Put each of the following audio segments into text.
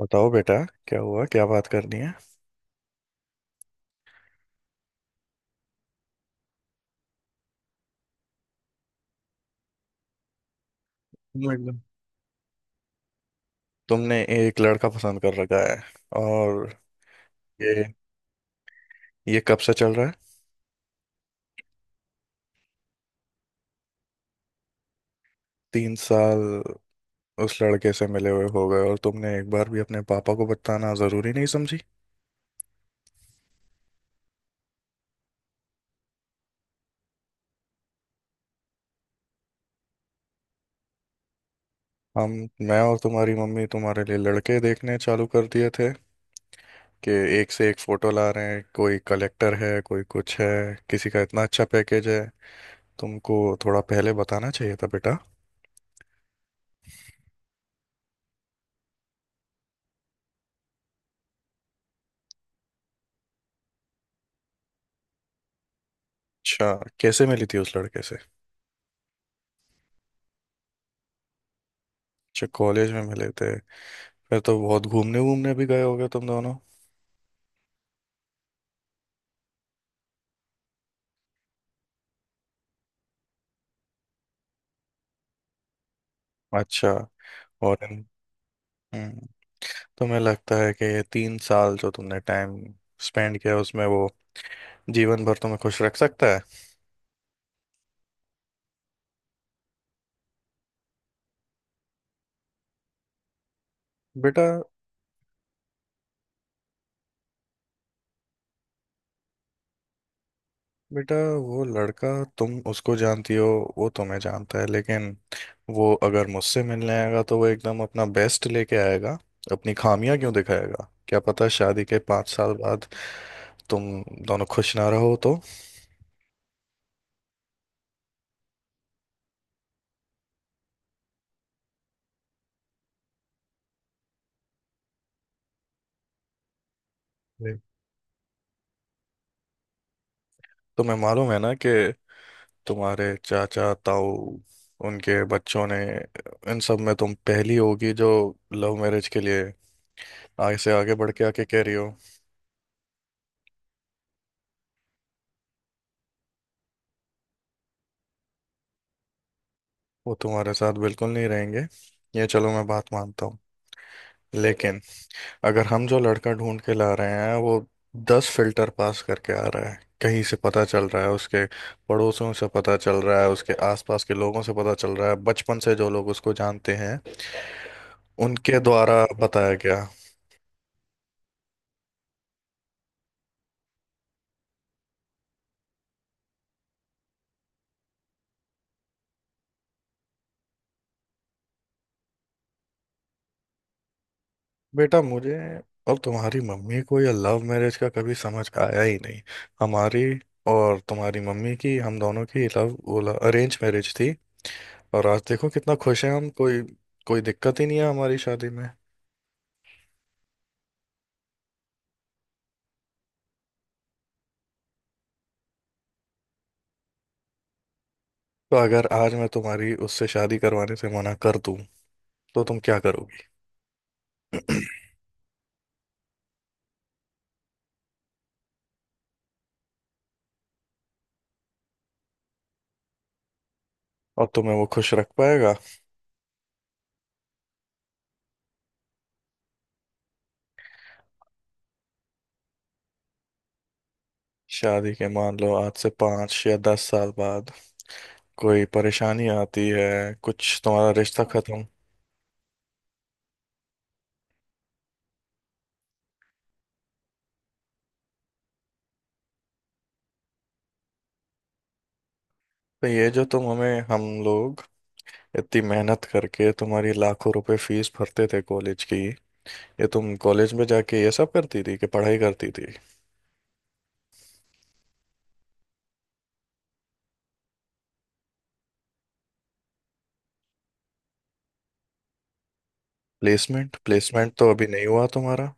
बताओ बेटा। क्या हुआ, क्या बात करनी है। हूँ, एकदम। तुमने एक लड़का पसंद कर रखा है। और ये ये कब से चल रहा है। तीन साल उस लड़के से मिले हुए हो गए और तुमने एक बार भी अपने पापा को बताना जरूरी नहीं समझी। हम। मैं और तुम्हारी मम्मी तुम्हारे लिए लड़के देखने चालू कर दिए थे कि एक से एक फोटो ला रहे हैं, कोई कलेक्टर है, कोई कुछ है, किसी का इतना अच्छा पैकेज है। तुमको थोड़ा पहले बताना चाहिए था बेटा। अच्छा, कैसे मिली थी उस लड़के से। अच्छा, कॉलेज में मिले थे। फिर तो बहुत घूमने वूमने भी गए होगे तुम दोनों। अच्छा। फॉरेन। हम्म। तुम्हें लगता है कि ये तीन साल जो तुमने टाइम स्पेंड किया उसमें वो जीवन भर तुम्हें खुश रख सकता है। बेटा। बेटा वो लड़का, तुम उसको जानती हो, वो तुम्हें जानता है, लेकिन वो अगर मुझसे मिलने आएगा तो वो एकदम अपना बेस्ट लेके आएगा। अपनी खामियां क्यों दिखाएगा। क्या पता शादी के 5 साल बाद तुम दोनों खुश ना रहो तो। जी। तुम्हें मालूम है ना कि तुम्हारे चाचा ताऊ, उनके बच्चों ने, इन सब में तुम पहली होगी जो लव मैरिज के लिए आगे से आगे बढ़ के आके कह रही हो। वो तुम्हारे साथ बिल्कुल नहीं रहेंगे। ये चलो मैं बात मानता हूँ, लेकिन अगर हम जो लड़का ढूंढ के ला रहे हैं वो 10 फिल्टर पास करके आ रहा है। कहीं से पता चल रहा है, उसके पड़ोसियों से पता चल रहा है, उसके आसपास के लोगों से पता चल रहा है, बचपन से जो लोग उसको जानते हैं उनके द्वारा बताया गया। बेटा, मुझे और तुम्हारी मम्मी को यह लव मैरिज का कभी समझ आया ही नहीं। हमारी और तुम्हारी मम्मी की, हम दोनों की लव, वो अरेंज मैरिज थी। और आज देखो कितना खुश हैं हम। कोई कोई दिक्कत ही नहीं है हमारी शादी में। तो अगर आज मैं तुम्हारी उससे शादी करवाने से मना कर दूं तो तुम क्या करोगी। और तुम्हें वो खुश रख पाएगा। शादी के मान लो आज से 5 या 10 साल बाद कोई परेशानी आती है, कुछ तुम्हारा रिश्ता खत्म। तो ये जो तुम हमें, हम लोग इतनी मेहनत करके तुम्हारी लाखों रुपए फीस भरते थे कॉलेज की, ये तुम कॉलेज में जाके ये सब करती थी कि पढ़ाई करती थी। प्लेसमेंट प्लेसमेंट तो अभी नहीं हुआ तुम्हारा।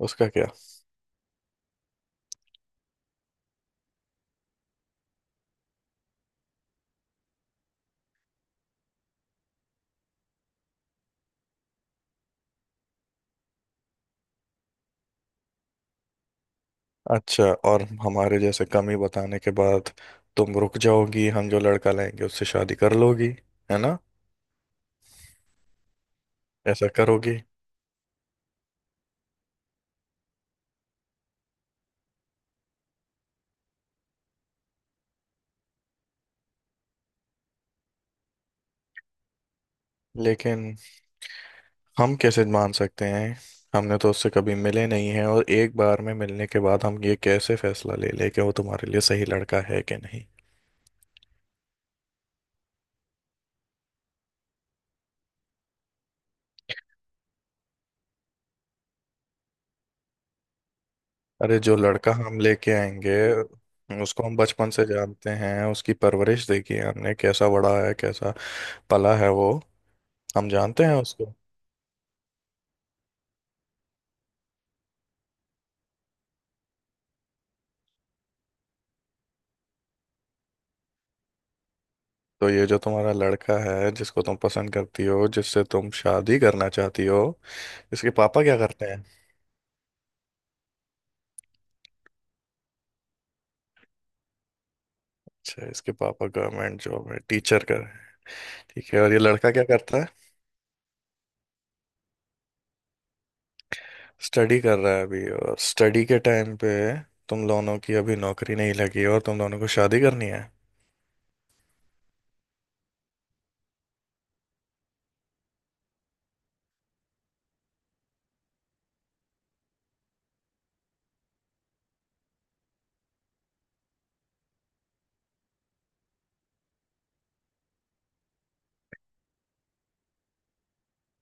उसका क्या। अच्छा, और हमारे जैसे कमी बताने के बाद तुम रुक जाओगी। हम जो लड़का लाएंगे उससे शादी कर लोगी, है ना। ऐसा करोगी। लेकिन हम कैसे मान सकते हैं। हमने तो उससे कभी मिले नहीं हैं और एक बार में मिलने के बाद हम ये कैसे फैसला ले लें कि वो तुम्हारे लिए सही लड़का है कि नहीं। अरे जो लड़का हम लेके आएंगे उसको हम बचपन से जानते हैं, उसकी परवरिश देखी है हमने, कैसा बड़ा है, कैसा पला है वो। हम जानते हैं उसको। तो ये जो तुम्हारा लड़का है, जिसको तुम पसंद करती हो, जिससे तुम शादी करना चाहती हो, इसके पापा क्या करते हैं। अच्छा, इसके पापा गवर्नमेंट जॉब में टीचर कर, ठीक है। और ये लड़का क्या करता है। स्टडी कर रहा है अभी। और स्टडी के टाइम पे तुम दोनों की अभी नौकरी नहीं लगी और तुम दोनों को शादी करनी है।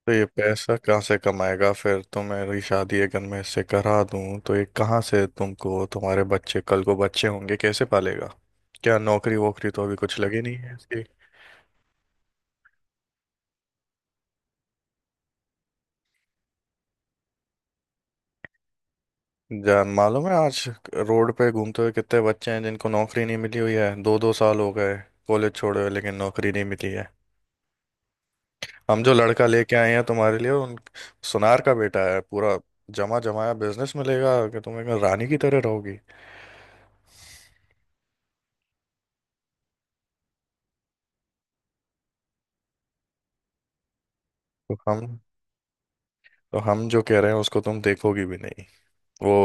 तो ये पैसा कहाँ से कमाएगा। फिर तो मेरी शादी अगर मैं इससे करा दूं तो ये कहाँ से तुमको, तुम्हारे बच्चे कल को बच्चे होंगे, कैसे पालेगा। क्या नौकरी वोकरी तो अभी कुछ लगी नहीं है इसकी। जान, मालूम है आज रोड पे घूमते हुए कितने बच्चे हैं जिनको नौकरी नहीं मिली हुई है। 2-2 साल हो गए कॉलेज छोड़े हुए लेकिन नौकरी नहीं मिली है। हम जो लड़का लेके आए हैं तुम्हारे लिए, उन सुनार का बेटा है, पूरा जमा जमाया बिजनेस मिलेगा कि तुम एकदम रानी की तरह रहोगी। तो हम तो हम जो कह रहे हैं उसको तुम देखोगी भी नहीं। वो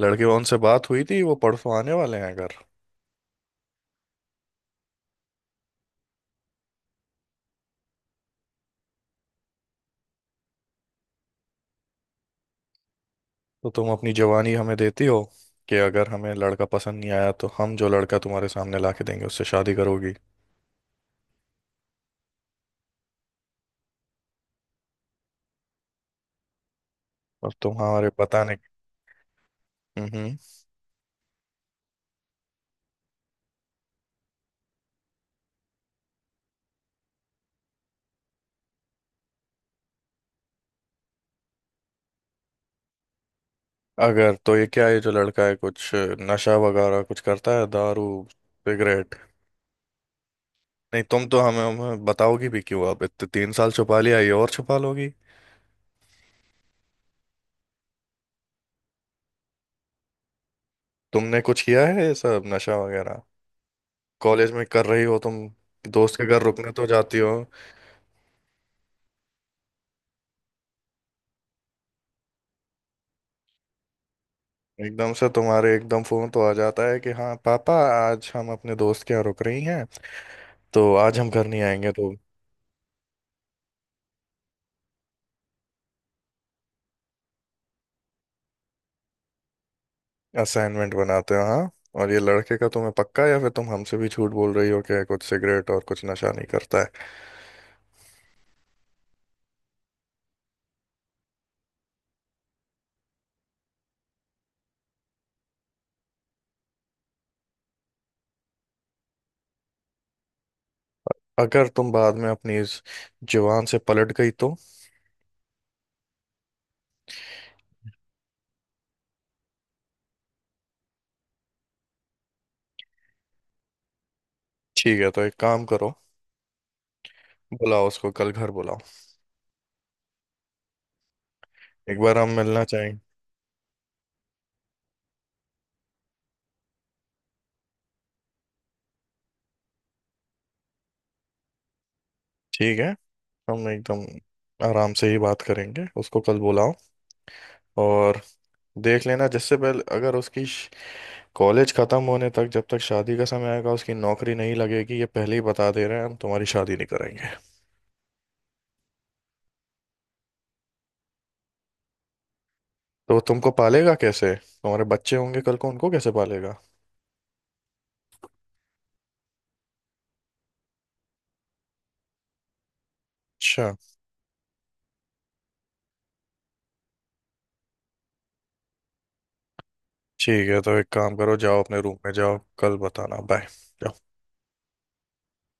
लड़के, उनसे बात हुई थी, वो परसों आने वाले हैं घर। तो तुम अपनी जवानी हमें देती हो कि अगर हमें लड़का पसंद नहीं आया तो हम जो लड़का तुम्हारे सामने ला के देंगे उससे शादी करोगी। और तुम हमारे बताने। हम्म। अगर तो ये क्या है, जो लड़का है कुछ नशा वगैरह कुछ करता है। दारू, सिगरेट। नहीं तुम तो हमें बताओगी भी क्यों। अब इतने 3 साल छुपा लिया, ये और छुपा लोगी। तुमने कुछ किया है ये सब नशा वगैरह। कॉलेज में कर रही हो तुम। दोस्त के घर रुकने तो जाती हो। एकदम से तुम्हारे एकदम फोन तो आ जाता है कि हाँ पापा, आज हम अपने दोस्त के यहाँ रुक रही हैं, तो आज हम घर नहीं आएंगे तो। असाइनमेंट बनाते हैं हाँ। और ये लड़के का तुम्हें पक्का है या फिर तुम हमसे भी झूठ बोल रही हो कि कुछ सिगरेट और कुछ नशा नहीं करता है। अगर तुम बाद में अपनी इस जुबान से पलट गई तो। ठीक है, तो एक काम करो, बुलाओ उसको, कल घर बुलाओ। एक बार हम मिलना चाहेंगे। ठीक है, हम एकदम आराम से ही बात करेंगे उसको। कल बुलाओ। और देख लेना, जिससे पहले अगर उसकी कॉलेज खत्म होने तक जब तक शादी का समय आएगा उसकी नौकरी नहीं लगेगी, ये पहले ही बता दे रहे हैं, हम तुम्हारी शादी नहीं कराएंगे। तो वो तुमको पालेगा कैसे। तुम्हारे बच्चे होंगे कल को, उनको कैसे पालेगा। अच्छा, ठीक है, तो एक काम करो, जाओ अपने रूम में जाओ, कल बताना। बाय।